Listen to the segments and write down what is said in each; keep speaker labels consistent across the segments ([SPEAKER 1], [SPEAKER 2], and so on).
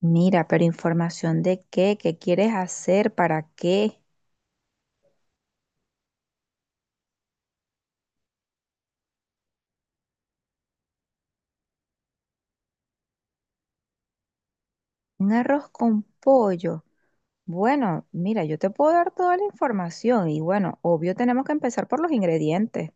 [SPEAKER 1] Mira, pero información de qué, qué quieres hacer, para qué. Un arroz con pollo. Bueno, mira, yo te puedo dar toda la información y bueno, obvio tenemos que empezar por los ingredientes.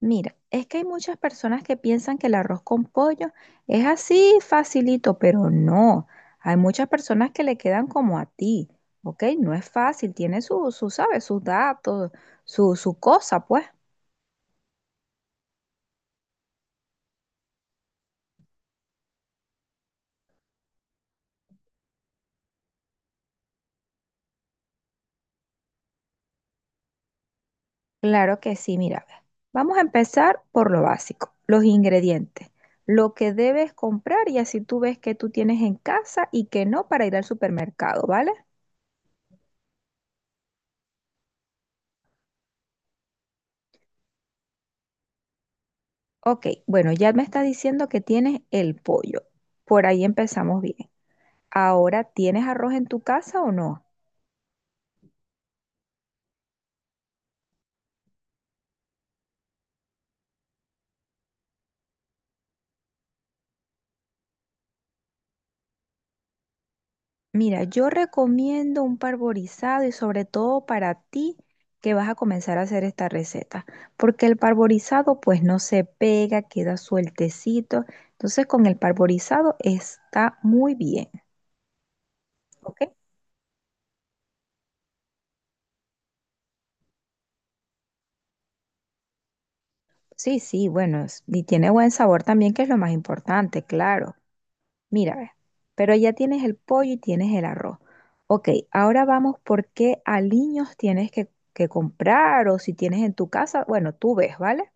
[SPEAKER 1] Mira, es que hay muchas personas que piensan que el arroz con pollo es así facilito, pero no. Hay muchas personas que le quedan como a ti, ¿ok? No es fácil, tiene ¿sabes? Sus datos, su cosa, pues. Claro que sí, mira, ve. Vamos a empezar por lo básico, los ingredientes, lo que debes comprar y así tú ves que tú tienes en casa y que no para ir al supermercado, ¿vale? Ok, bueno, ya me estás diciendo que tienes el pollo. Por ahí empezamos bien. Ahora, ¿tienes arroz en tu casa o no? Mira, yo recomiendo un parborizado y sobre todo para ti que vas a comenzar a hacer esta receta, porque el parborizado pues no se pega, queda sueltecito, entonces con el parborizado está muy bien, ¿ok? Sí, sí, bueno, y tiene buen sabor también, que es lo más importante, claro. Mira, ve, pero ya tienes el pollo y tienes el arroz. Ok, ahora vamos por qué aliños tienes que comprar o si tienes en tu casa, bueno, tú ves, ¿vale?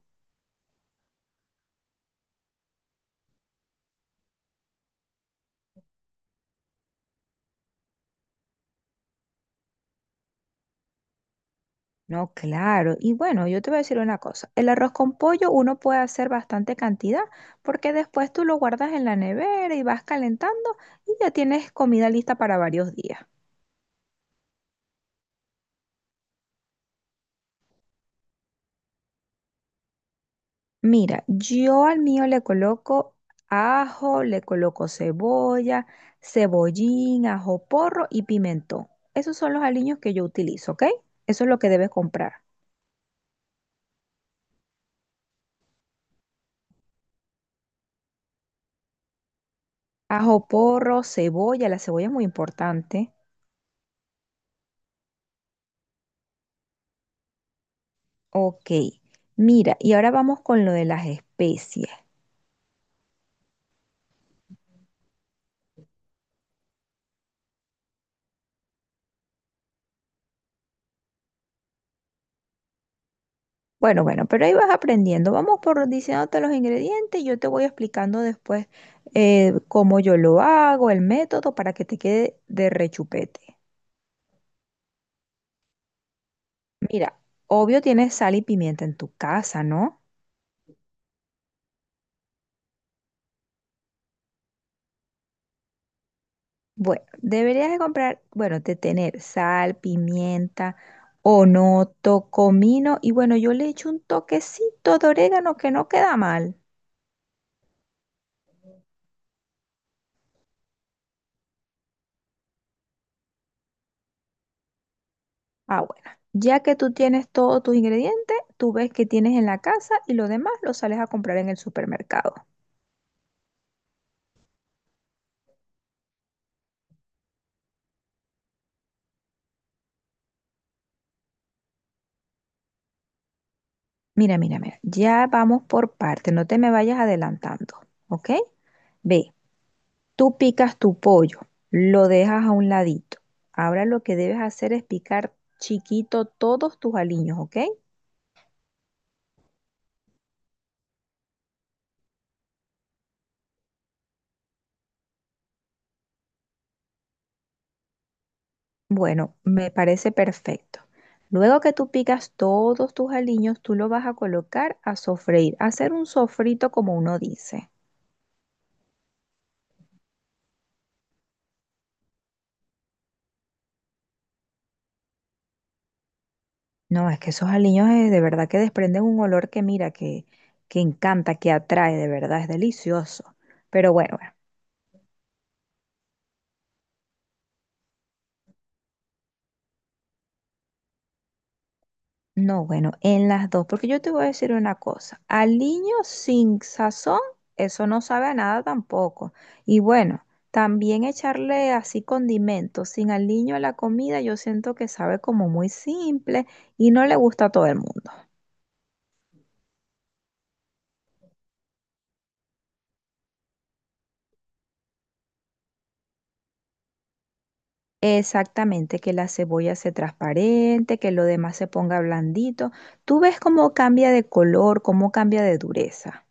[SPEAKER 1] No, claro. Y bueno, yo te voy a decir una cosa. El arroz con pollo uno puede hacer bastante cantidad porque después tú lo guardas en la nevera y vas calentando y ya tienes comida lista para varios días. Mira, yo al mío le coloco ajo, le coloco cebolla, cebollín, ajo porro y pimentón. Esos son los aliños que yo utilizo, ¿ok? Eso es lo que debes comprar. Ajo porro, cebolla, la cebolla es muy importante. Ok, mira, y ahora vamos con lo de las especies. Bueno, bueno, pero ahí vas aprendiendo. Vamos por diciéndote los ingredientes y yo te voy explicando después cómo yo lo hago, el método para que te quede de rechupete. Mira, obvio tienes sal y pimienta en tu casa, ¿no? Bueno, deberías de comprar, bueno, de tener sal, pimienta, onoto, comino y bueno, yo le echo un toquecito de orégano que no queda mal. Ah, bueno. Ya que tú tienes todos tus ingredientes, tú ves que tienes en la casa y lo demás lo sales a comprar en el supermercado. Mira, mira, mira. Ya vamos por partes. No te me vayas adelantando, ¿ok? Ve, tú picas tu pollo, lo dejas a un ladito. Ahora lo que debes hacer es picar chiquito todos tus aliños, ¿ok? Bueno, me parece perfecto. Luego que tú picas todos tus aliños, tú lo vas a colocar a sofreír, a hacer un sofrito como uno dice. No, es que esos aliños de verdad que desprenden un olor que mira, que encanta, que atrae, de verdad, es delicioso. Pero bueno, bueno, no, bueno, en las dos, porque yo te voy a decir una cosa, aliño sin sazón, eso no sabe a nada tampoco. Y bueno, también echarle así condimentos sin aliño a la comida, yo siento que sabe como muy simple y no le gusta a todo el mundo. Exactamente, que la cebolla se transparente, que lo demás se ponga blandito. Tú ves cómo cambia de color, cómo cambia de dureza.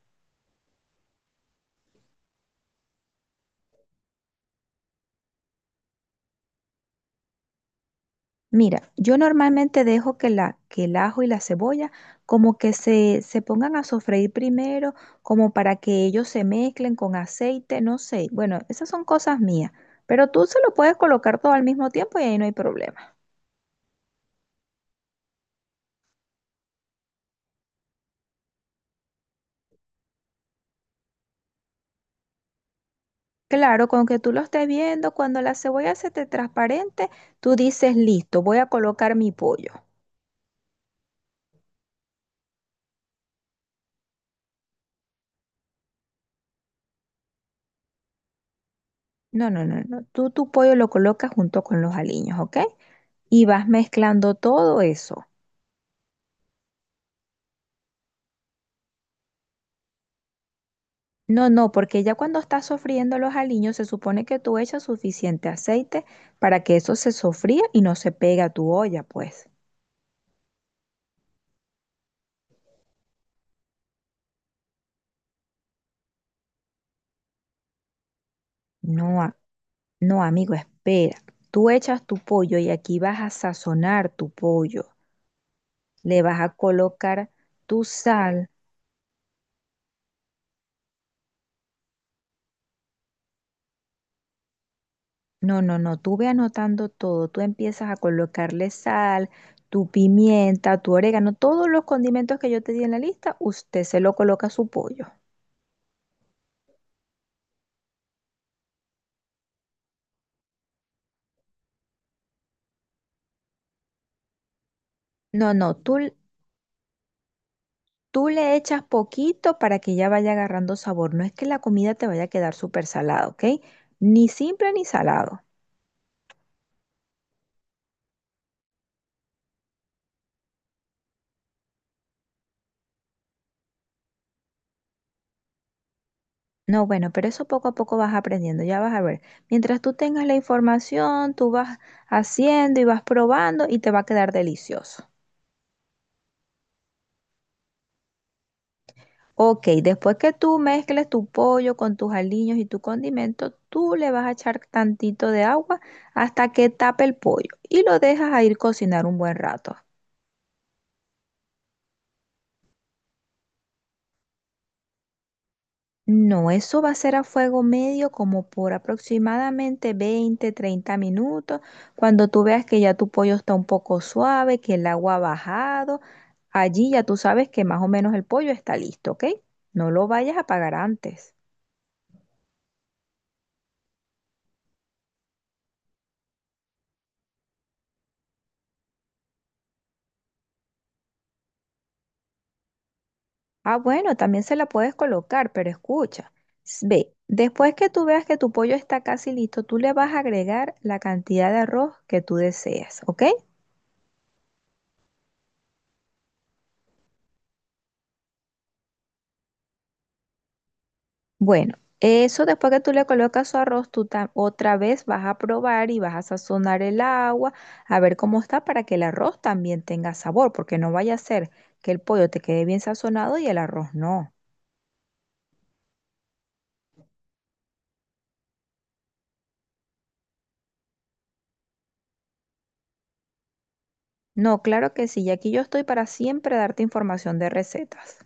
[SPEAKER 1] Mira, yo normalmente dejo que el ajo y la cebolla como que se pongan a sofreír primero, como para que ellos se mezclen con aceite, no sé. Bueno, esas son cosas mías, pero tú se lo puedes colocar todo al mismo tiempo y ahí no hay problema. Claro, con que tú lo estés viendo, cuando la cebolla se te transparente, tú dices, listo, voy a colocar mi pollo. No, no, no, no. Tú tu pollo lo colocas junto con los aliños, ¿ok? Y vas mezclando todo eso. No, no, porque ya cuando estás sofriendo los aliños se supone que tú echas suficiente aceite para que eso se sofría y no se pega a tu olla, pues. No, a- no, amigo, espera. Tú echas tu pollo y aquí vas a sazonar tu pollo. Le vas a colocar tu sal. No, no, no, tú ve anotando todo, tú empiezas a colocarle sal, tu pimienta, tu orégano, todos los condimentos que yo te di en la lista, usted se lo coloca a su pollo. No, no, tú le echas poquito para que ya vaya agarrando sabor, no es que la comida te vaya a quedar súper salada, ¿ok? Ni simple ni salado. No, bueno, pero eso poco a poco vas aprendiendo, ya vas a ver. Mientras tú tengas la información, tú vas haciendo y vas probando y te va a quedar delicioso. Ok, después que tú mezcles tu pollo con tus aliños y tu condimento, tú le vas a echar tantito de agua hasta que tape el pollo y lo dejas a ir cocinar un buen rato. No, eso va a ser a fuego medio como por aproximadamente 20, 30 minutos. Cuando tú veas que ya tu pollo está un poco suave, que el agua ha bajado, allí ya tú sabes que más o menos el pollo está listo, ¿ok? No lo vayas a apagar antes. Ah, bueno, también se la puedes colocar, pero escucha, ve, después que tú veas que tu pollo está casi listo, tú le vas a agregar la cantidad de arroz que tú deseas, ¿ok? Bueno, eso después que tú le colocas su arroz, otra vez vas a probar y vas a sazonar el agua, a ver cómo está para que el arroz también tenga sabor, porque no vaya a ser que el pollo te quede bien sazonado y el arroz no. No, claro que sí, y aquí yo estoy para siempre darte información de recetas.